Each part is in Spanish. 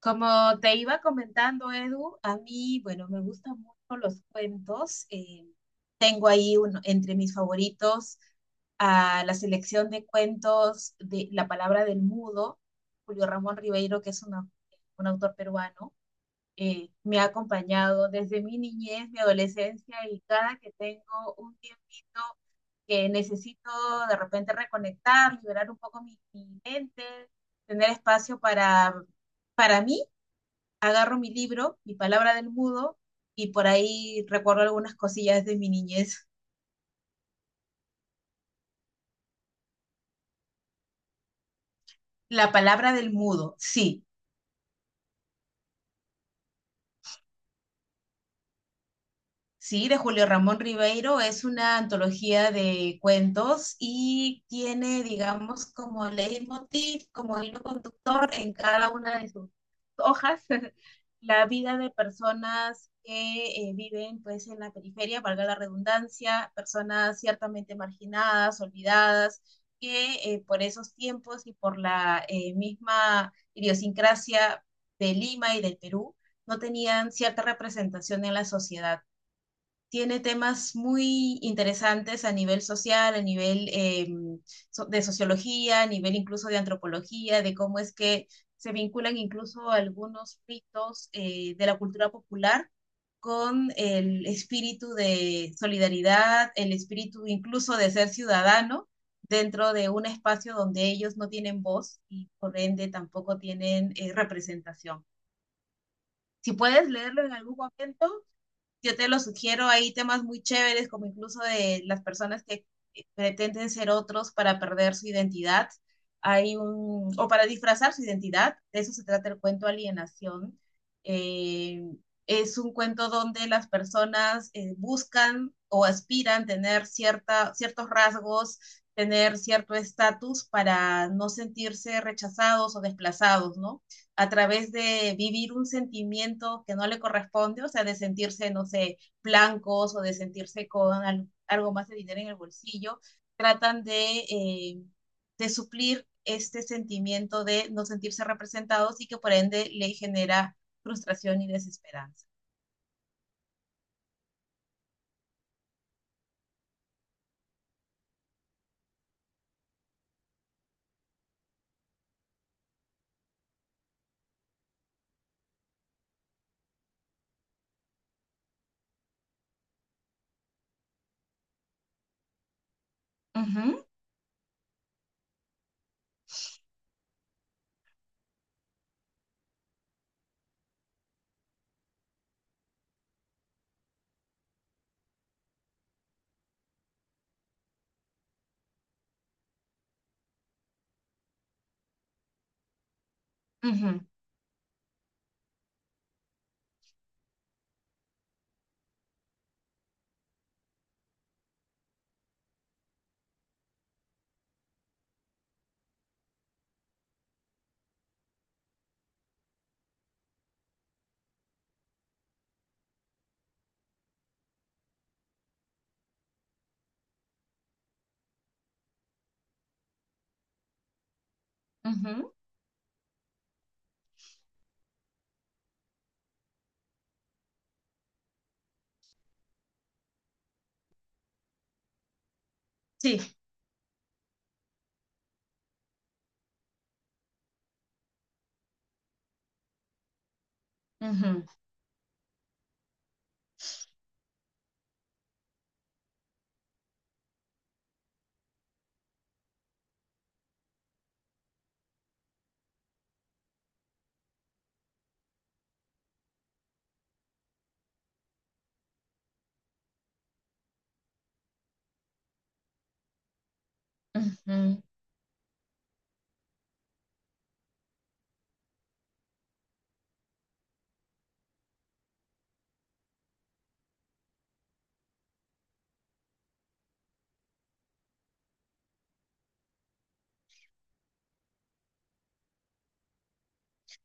Como te iba comentando, Edu, a mí, bueno, me gustan mucho los cuentos. Tengo ahí uno, entre mis favoritos a la selección de cuentos de La palabra del mudo, Julio Ramón Ribeiro, que es un autor peruano. Me ha acompañado desde mi niñez, mi adolescencia, y cada que tengo un tiempito que necesito de repente reconectar, liberar un poco mi mente, tener espacio para mí, agarro mi libro, mi palabra del mudo, y por ahí recuerdo algunas cosillas de mi niñez. La palabra del mudo, sí. Sí, de Julio Ramón Ribeiro. Es una antología de cuentos y tiene, digamos, como leitmotiv, como hilo conductor en cada una de sus hojas, la vida de personas que viven pues en la periferia, valga la redundancia, personas ciertamente marginadas, olvidadas, que por esos tiempos y por la misma idiosincrasia de Lima y del Perú, no tenían cierta representación en la sociedad. Tiene temas muy interesantes a nivel social, a nivel de sociología, a nivel incluso de antropología, de cómo es que se vinculan incluso algunos ritos de la cultura popular con el espíritu de solidaridad, el espíritu incluso de ser ciudadano dentro de un espacio donde ellos no tienen voz y por ende tampoco tienen representación. Si puedes leerlo en algún momento, yo te lo sugiero, hay temas muy chéveres, como incluso de las personas que pretenden ser otros para perder su identidad, hay un, o para disfrazar su identidad, de eso se trata el cuento Alienación. Eh, es un cuento donde las personas buscan o aspiran tener cierta, ciertos rasgos, tener cierto estatus para no sentirse rechazados o desplazados, ¿no? A través de vivir un sentimiento que no le corresponde, o sea, de sentirse, no sé, blancos o de sentirse con algo más de dinero en el bolsillo, tratan de suplir este sentimiento de no sentirse representados y que por ende le genera frustración y desesperanza. Uh -huh, uh sí uh -huh. Sí,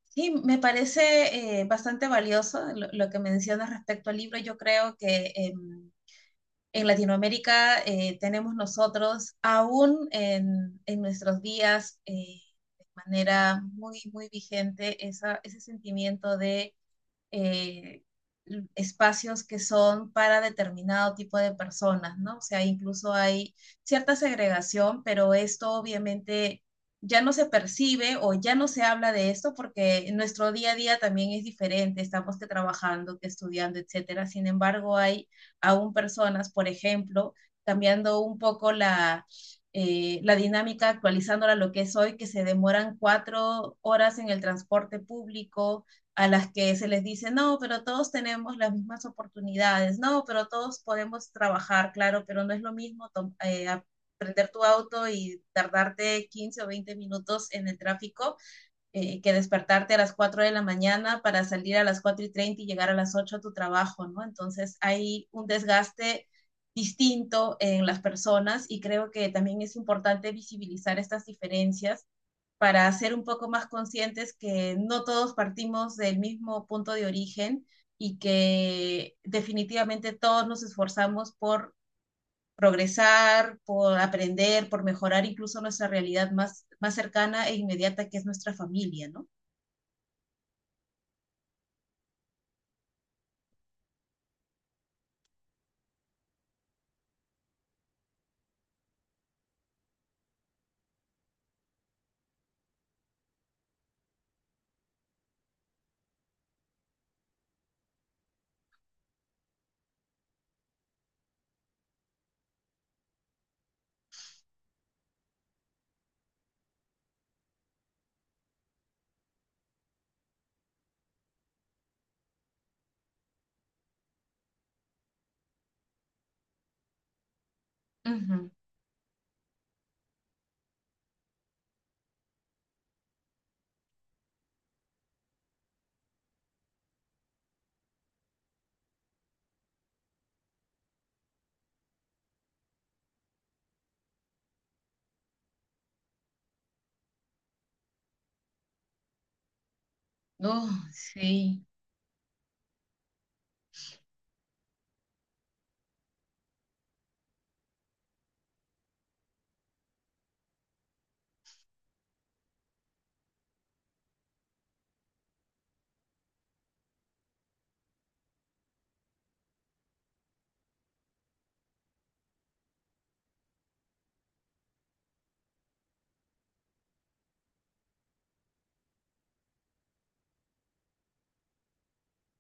sí, me parece bastante valioso lo que mencionas respecto al libro. Yo creo que... En Latinoamérica tenemos nosotros aún en nuestros días de manera muy, muy vigente ese sentimiento de eh, espacios que son para determinado tipo de personas, ¿no? O sea, incluso hay cierta segregación, pero esto obviamente ya no se percibe o ya no se habla de esto porque nuestro día a día también es diferente, estamos que trabajando, que estudiando, etcétera. Sin embargo, hay aún personas, por ejemplo, cambiando un poco la dinámica, actualizándola a lo que es hoy, que se demoran 4 horas en el transporte público, a las que se les dice, no, pero todos tenemos las mismas oportunidades, no, pero todos podemos trabajar, claro, pero no es lo mismo eh, aprender tu auto y tardarte 15 o 20 minutos en el tráfico que despertarte a las 4 de la mañana para salir a las 4:30 y llegar a las 8 a tu trabajo, ¿no? Entonces hay un desgaste distinto en las personas y creo que también es importante visibilizar estas diferencias para ser un poco más conscientes que no todos partimos del mismo punto de origen y que definitivamente todos nos esforzamos por progresar, por aprender, por mejorar incluso nuestra realidad más, más cercana e inmediata que es nuestra familia, ¿no? Ujú. Oh, sí,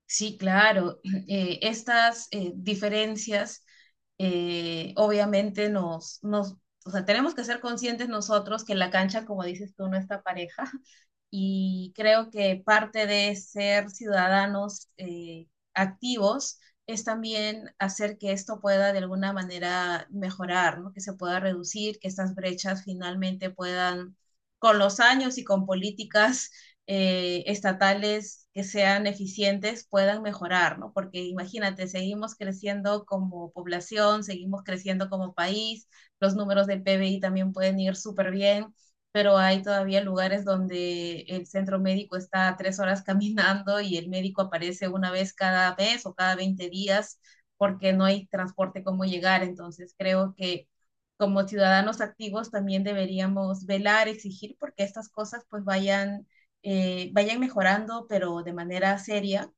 sí, claro. Estas diferencias obviamente nos, o sea, tenemos que ser conscientes nosotros que la cancha, como dices tú, no está pareja. Y creo que parte de ser ciudadanos activos es también hacer que esto pueda de alguna manera mejorar, ¿no? Que se pueda reducir, que estas brechas finalmente puedan, con los años y con políticas estatales que sean eficientes puedan mejorar, ¿no? Porque imagínate, seguimos creciendo como población, seguimos creciendo como país, los números del PBI también pueden ir súper bien, pero hay todavía lugares donde el centro médico está 3 horas caminando y el médico aparece una vez cada mes o cada 20 días porque no hay transporte cómo llegar. Entonces creo que como ciudadanos activos también deberíamos velar, exigir porque estas cosas pues vayan vayan mejorando, pero de manera seria.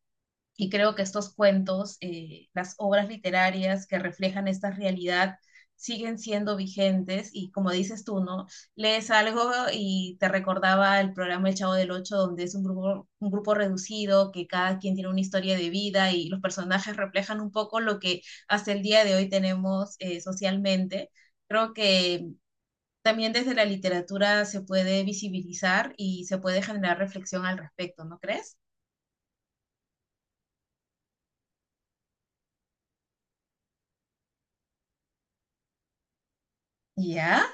Y creo que estos cuentos, las obras literarias que reflejan esta realidad, siguen siendo vigentes y como dices tú, ¿no? Lees algo y te recordaba el programa El Chavo del Ocho, donde es un grupo reducido, que cada quien tiene una historia de vida y los personajes reflejan un poco lo que hasta el día de hoy tenemos socialmente. Creo que también desde la literatura se puede visibilizar y se puede generar reflexión al respecto, ¿no crees? Ya.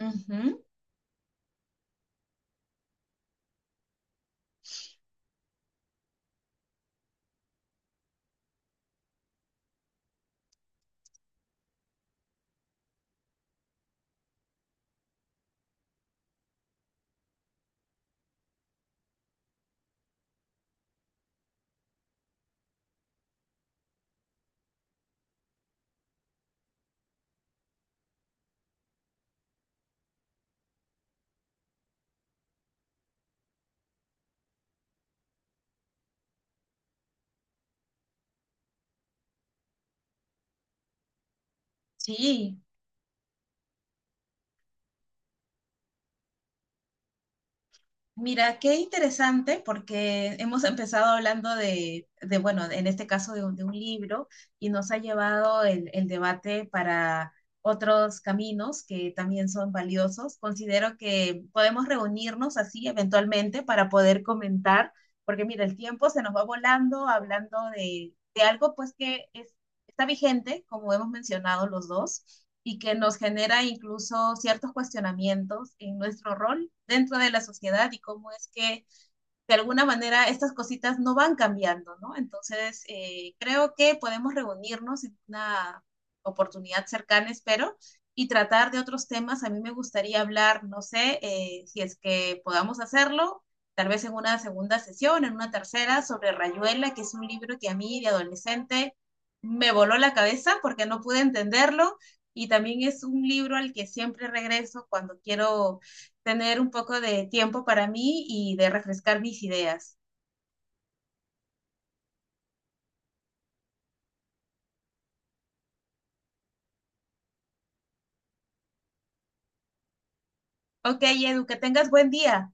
Ujú. Sí. Mira, qué interesante porque hemos empezado hablando de, bueno, en este caso de un libro y nos ha llevado el debate para otros caminos que también son valiosos. Considero que podemos reunirnos así eventualmente para poder comentar, porque mira, el tiempo se nos va volando hablando de algo pues que es- está vigente, como hemos mencionado los dos, y que nos genera incluso ciertos cuestionamientos en nuestro rol dentro de la sociedad y cómo es que de alguna manera estas cositas no van cambiando, ¿no? Entonces, creo que podemos reunirnos en una oportunidad cercana, espero, y tratar de otros temas. A mí me gustaría hablar, no sé, si es que podamos hacerlo, tal vez en una segunda sesión, en una tercera, sobre Rayuela, que es un libro que a mí de adolescente me voló la cabeza porque no pude entenderlo. Y también es un libro al que siempre regreso cuando quiero tener un poco de tiempo para mí y de refrescar mis ideas. Ok, Edu, que tengas buen día.